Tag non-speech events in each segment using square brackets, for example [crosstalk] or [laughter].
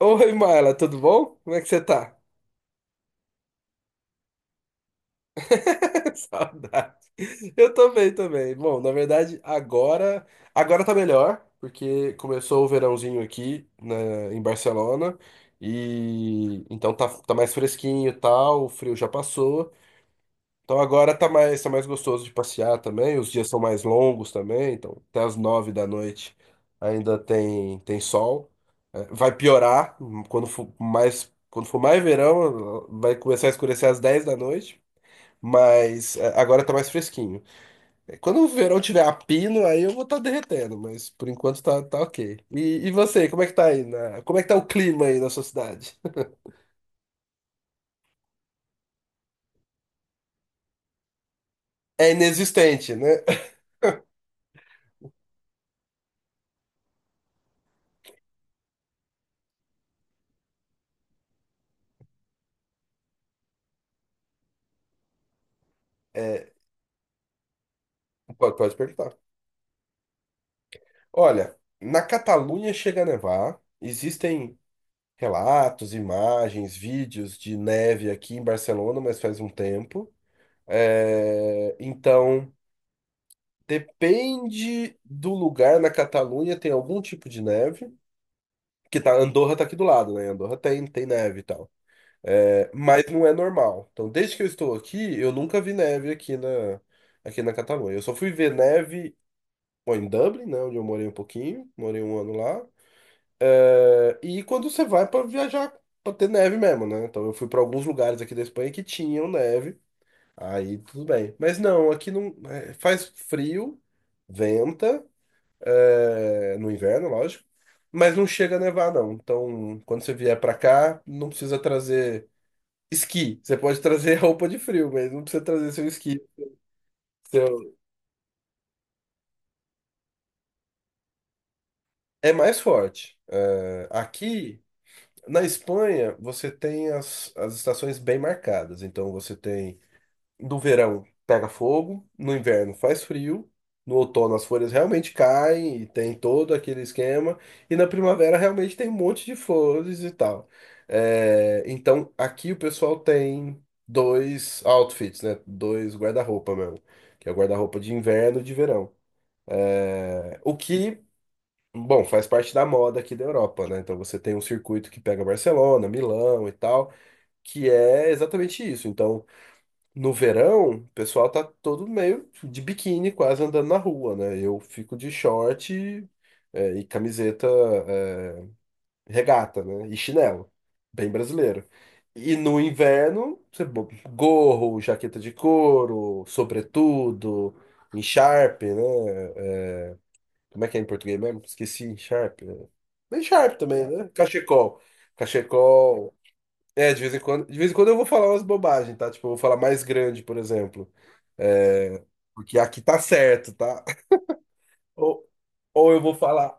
Oi, Marla, tudo bom? Como é que você tá? [laughs] Saudade. Eu tô bem também. Bom, na verdade, agora tá melhor, porque começou o verãozinho em Barcelona e então tá mais fresquinho e tal, o frio já passou. Então agora tá mais gostoso de passear também, os dias são mais longos também, então até as 9 da noite ainda tem sol. É, vai piorar, quando for mais verão, vai começar a escurecer às 10 da noite, mas é, agora tá mais fresquinho. É, quando o verão tiver a pino, aí eu vou estar derretendo, mas por enquanto tá ok. E você, como é que tá aí? Como é que tá o clima aí na sua cidade? [laughs] É inexistente, né? É, pode perguntar. Olha, na Catalunha chega a nevar. Existem relatos, imagens, vídeos de neve aqui em Barcelona, mas faz um tempo. É, então, depende do lugar na Catalunha, tem algum tipo de neve. Que tá, Andorra tá aqui do lado, né? Andorra tem neve e tal. É, mas não é normal. Então, desde que eu estou aqui, eu nunca vi neve aqui na Catalunha. Eu só fui ver neve, bom, em Dublin, né? Onde eu morei um pouquinho, morei um ano lá. É, e quando você vai para viajar, para ter neve mesmo, né? Então eu fui para alguns lugares aqui da Espanha que tinham neve, aí tudo bem. Mas não, aqui não, é, faz frio, venta, é, no inverno, lógico, mas não chega a nevar, não. Então quando você vier para cá, não precisa trazer esqui. Você pode trazer [laughs] roupa de frio, mas não precisa trazer seu esqui. Seu... É mais forte. É, aqui. Na Espanha, você tem as estações bem marcadas. Então, você tem no verão pega fogo, no inverno faz frio, no outono as folhas realmente caem e tem todo aquele esquema, e na primavera realmente tem um monte de flores e tal. É, então aqui o pessoal tem dois outfits, né? Dois guarda-roupa mesmo, que é o guarda-roupa de inverno e de verão. Eh, O que, bom, faz parte da moda aqui da Europa, né? Então você tem um circuito que pega Barcelona, Milão e tal, que é exatamente isso. Então no verão, o pessoal tá todo meio de biquíni, quase andando na rua, né? Eu fico de short, é, e camiseta, é, regata, né? E chinelo. Bem brasileiro. E no inverno, você gorro, jaqueta de couro, sobretudo, encharpe, né? É, como é que é em português mesmo? Esqueci, encharpe, né? Bem encharpe também, né? Cachecol. Cachecol. É, de vez em quando, de vez em quando eu vou falar umas bobagens, tá? Tipo, eu vou falar mais grande, por exemplo. É, porque aqui tá certo, tá? [laughs] Ou, eu vou falar.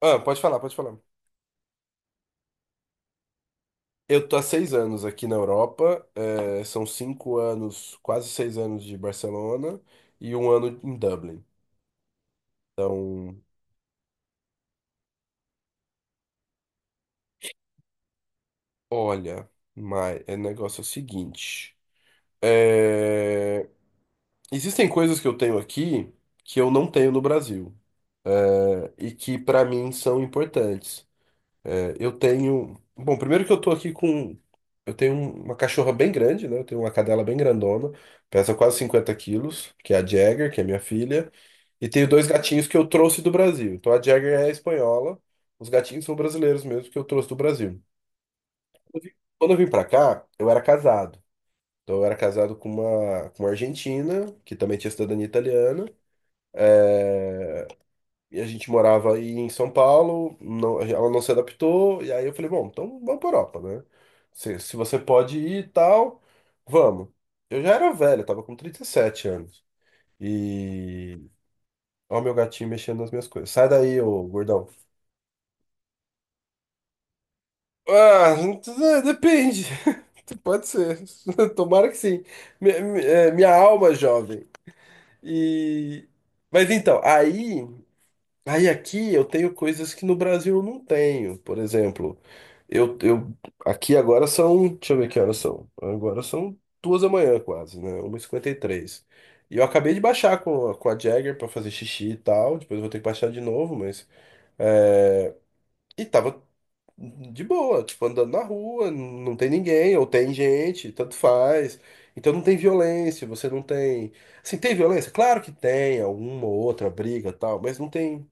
Ah, pode falar, pode falar. Eu tô há 6 anos aqui na Europa, é, são 5 anos, quase 6 anos de Barcelona e um ano em Dublin. Olha, mas é negócio é o seguinte. É, existem coisas que eu tenho aqui que eu não tenho no Brasil, é, e que pra mim são importantes. É, eu tenho. Bom, primeiro que eu tô aqui com. Eu tenho uma cachorra bem grande, né? Eu tenho uma cadela bem grandona, pesa quase 50 quilos, que é a Jagger, que é minha filha. E tenho dois gatinhos que eu trouxe do Brasil. Então a Jagger é espanhola, os gatinhos são brasileiros mesmo, que eu trouxe do Brasil. Quando eu vim pra cá, eu era casado. Então eu era casado com uma argentina, que também tinha cidadania italiana. E a gente morava aí em São Paulo, ela não se adaptou, e aí eu falei, bom, então vamos para Europa, né? Se você pode ir e tal, vamos. Eu já era velho, eu tava com 37 anos. E. Ó, o meu gatinho mexendo nas minhas coisas. Sai daí, ô gordão. Ah, é, depende. [laughs] Pode ser. [laughs] Tomara que sim. Minha alma jovem. E. Mas então, aí. Aí aqui eu tenho coisas que no Brasil eu não tenho. Por exemplo, eu aqui agora são, deixa eu ver que horas são. Agora são 2 da manhã quase, né? 1:53. E eu acabei de baixar com a Jagger pra fazer xixi e tal. Depois eu vou ter que baixar de novo, mas. E tava de boa, tipo, andando na rua, não tem ninguém, ou tem gente, tanto faz. Então não tem violência, você não tem. Assim, tem violência? Claro que tem, alguma ou outra briga e tal, mas não tem.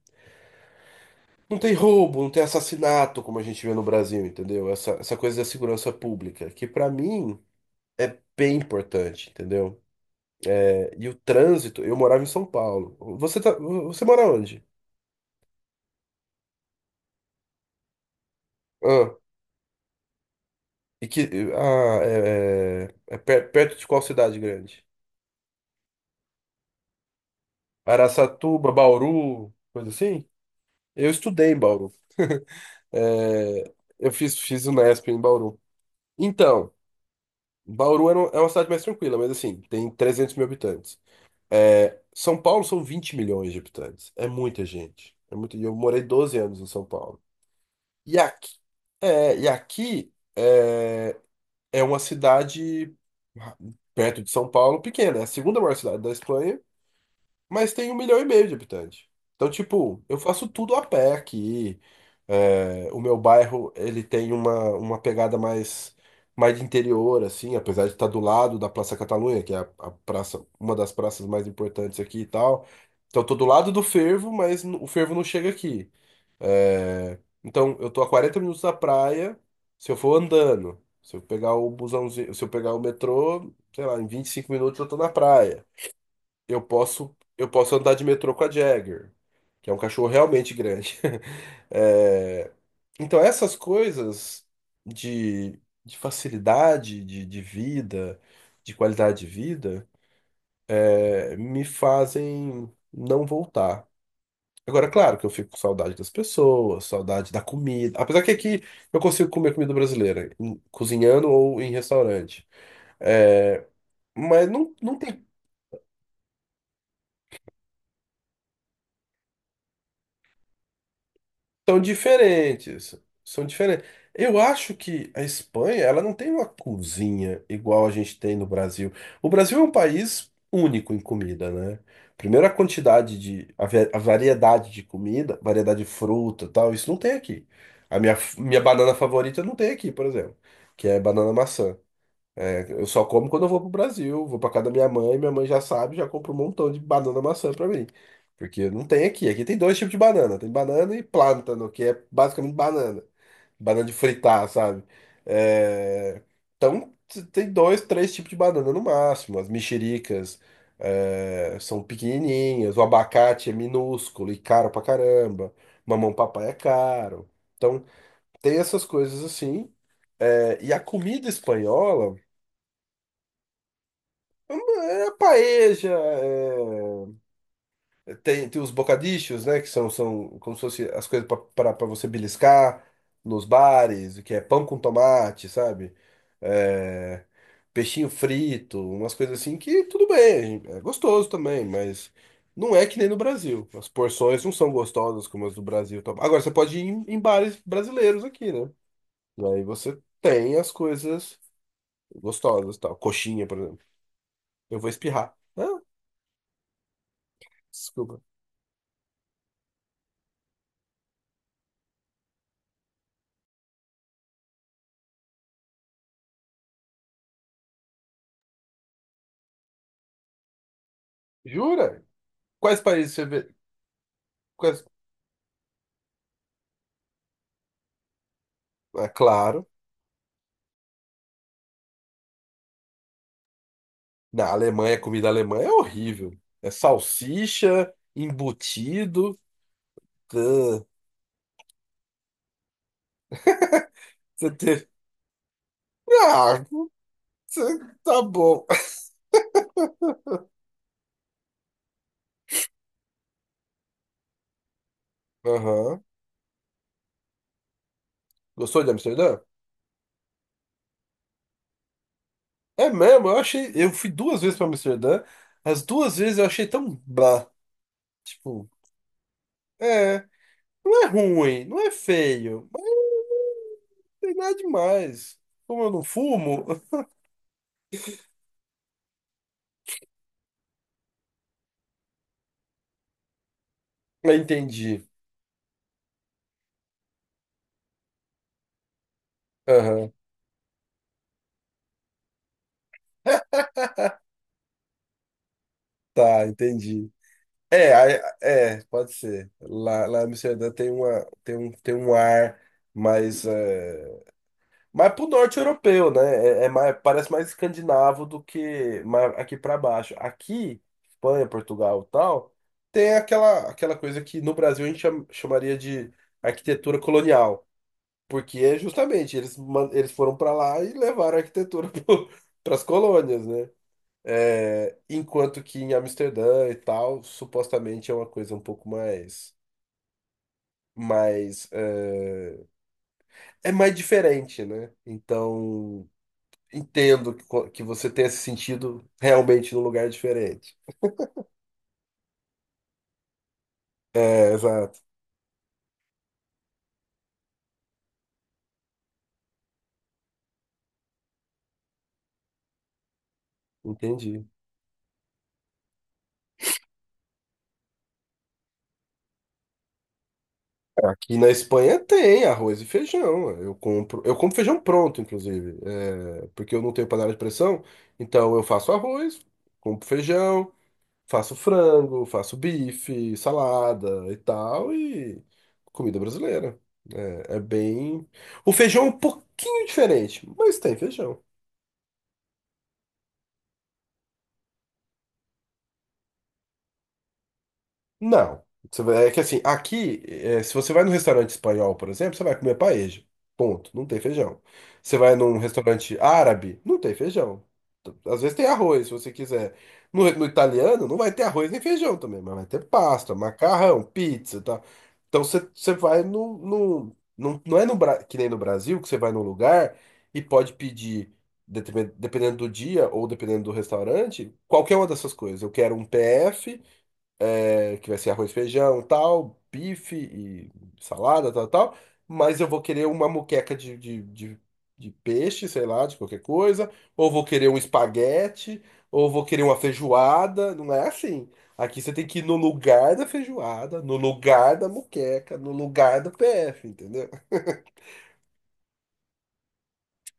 Não tem roubo, não tem assassinato, como a gente vê no Brasil, entendeu? Essa coisa da segurança pública, que pra mim é bem importante, entendeu? É, e o trânsito, eu morava em São Paulo. Você mora onde? Ah, e que, ah, é, é, é perto de qual cidade grande? Araçatuba, Bauru, coisa assim? Eu estudei em Bauru. É, eu fiz Unesp em Bauru. Então, Bauru é uma cidade mais tranquila, mas assim, tem 300 mil habitantes. É, São Paulo são 20 milhões de habitantes. É muita gente. É muito... E eu morei 12 anos em São Paulo. E aqui, é, é uma cidade perto de São Paulo, pequena. É a segunda maior cidade da Espanha, mas tem 1,5 milhão de habitantes. Então, tipo, eu faço tudo a pé aqui. É, o meu bairro, ele tem uma pegada mais, mais de interior, assim, apesar de estar do lado da Praça Catalunha, que é a praça, uma das praças mais importantes aqui e tal. Então, eu tô do lado do fervo, mas o fervo não chega aqui. É, então, eu tô a 40 minutos da praia, se eu for andando. Se eu pegar o busãozinho, se eu pegar o metrô, sei lá, em 25 minutos eu tô na praia. Eu posso andar de metrô com a Jagger, que é um cachorro realmente grande. [laughs] É, então, essas coisas de, de facilidade de vida, de qualidade de vida, é, me fazem não voltar. Agora, claro que eu fico com saudade das pessoas, saudade da comida. Apesar que aqui eu consigo comer comida brasileira, cozinhando ou em restaurante. É, mas não, não tem. São diferentes. São diferentes. Eu acho que a Espanha, ela não tem uma cozinha igual a gente tem no Brasil. O Brasil é um país único em comida, né? Primeiro a quantidade de, a variedade de comida, variedade de fruta, e tal, isso não tem aqui. Minha banana favorita não tem aqui, por exemplo, que é banana maçã. Eu só como quando eu vou pro Brasil, vou pra casa da minha mãe já sabe, já compra um montão de banana maçã pra mim. Porque não tem aqui. Aqui tem dois tipos de banana. Tem banana e plântano, que é basicamente banana. Banana de fritar, sabe? É, então, tem dois, três tipos de banana no máximo. As mexericas é, são pequenininhas, o abacate é minúsculo e caro pra caramba. Mamão papai é caro. Então, tem essas coisas assim. É, e a comida espanhola. É paeja, é, tem os bocadichos, né? Que são como se fosse as coisas para você beliscar nos bares, que é pão com tomate, sabe? É, peixinho frito, umas coisas assim que tudo bem, é gostoso também, mas não é que nem no Brasil. As porções não são gostosas como as do Brasil. Então, agora você pode ir em bares brasileiros aqui, né? E aí você tem as coisas gostosas, tal. Coxinha, por exemplo. Eu vou espirrar. Ah, desculpa. Jura? Quais países você vê? Quais... É claro, na Alemanha, a comida alemã é horrível. É salsicha, embutido. Tã, tã, tã. [laughs] Ah, tã, tá bom. Aham. Gostou de Amsterdã? É mesmo, eu achei. Eu fui duas vezes pra Amsterdã. As duas vezes eu achei tão blá. Tipo, é. Não é ruim, não é feio, mas não tem nada demais. Como eu não fumo. [laughs] Eu entendi. Aham, tá, entendi. É, pode ser. Lá em Amsterdã tem tem um ar mais, é, mais pro norte europeu, né? É mais, parece mais escandinavo do que mais aqui para baixo. Aqui, Espanha, Portugal, e tal, tem aquela coisa que no Brasil a gente chamaria de arquitetura colonial, porque é justamente eles foram para lá e levaram a arquitetura [laughs] para as colônias, né? É, enquanto que em Amsterdã e tal, supostamente é uma coisa um pouco mais, mais, é, é mais diferente, né? Então, entendo que, que você tenha se sentido realmente num lugar diferente. É, exato, entendi. Aqui na Espanha tem arroz e feijão. Eu compro feijão pronto, inclusive, é, porque eu não tenho panela de pressão, então eu faço arroz, compro feijão. Faço frango, faço bife, salada e tal, e comida brasileira. É bem. O feijão é um pouquinho diferente, mas tem feijão. Não. É que assim, aqui, é, se você vai num restaurante espanhol, por exemplo, você vai comer paeja. Ponto. Não tem feijão. Você vai num restaurante árabe, não tem feijão. Às vezes tem arroz, se você quiser. No italiano, não vai ter arroz nem feijão também, mas vai ter pasta, macarrão, pizza e tal. Então você vai no. Que nem no Brasil, que você vai num lugar e pode pedir, dependendo do dia ou dependendo do restaurante, qualquer uma dessas coisas. Eu quero um PF, é, que vai ser arroz, feijão, tal, bife e salada, tal, tal. Mas eu vou querer uma moqueca de peixe, sei lá, de qualquer coisa. Ou vou querer um espaguete, ou vou querer uma feijoada. Não é assim. Aqui você tem que ir no lugar da feijoada, no lugar da moqueca, no lugar do PF, entendeu?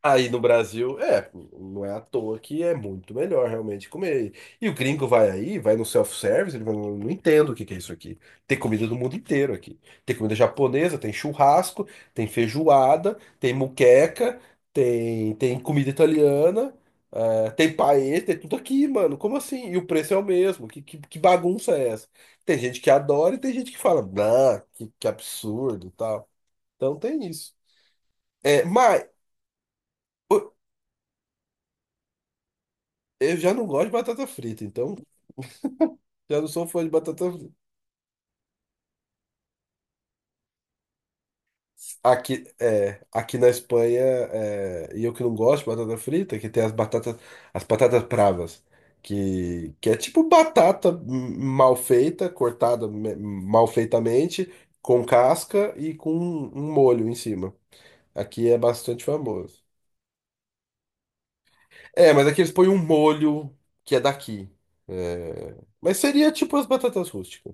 Aí no Brasil, é, não é à toa que é muito melhor realmente comer. E o gringo vai aí, vai no self-service, ele vai, não, não entendo o que que é isso aqui. Tem comida do mundo inteiro aqui. Tem comida japonesa, tem churrasco, tem feijoada, tem muqueca, tem comida italiana, eh, tem paella, tem tudo aqui, mano. Como assim? E o preço é o mesmo. Que bagunça é essa? Tem gente que adora e tem gente que fala, não, que absurdo e tal. Então tem isso. É, mas. Eu já não gosto de batata frita, então já não sou fã de batata frita. Aqui, é, aqui na Espanha, é, e eu que não gosto de batata frita, que tem as batatas bravas, que é tipo batata, mal feita, cortada mal feitamente, com casca e com um molho em cima. Aqui é bastante famoso. É, mas aqui eles põem um molho que é daqui. É, mas seria tipo as batatas rústicas.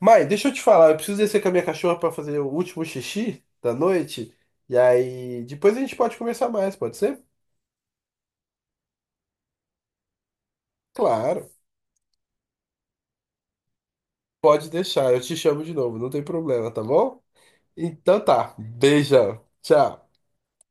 Deixa eu te falar, eu preciso descer com a minha cachorra para fazer o último xixi da noite. E aí, depois a gente pode conversar mais, pode ser? Claro, pode deixar, eu te chamo de novo, não tem problema, tá bom? Então tá, beijão, tchau.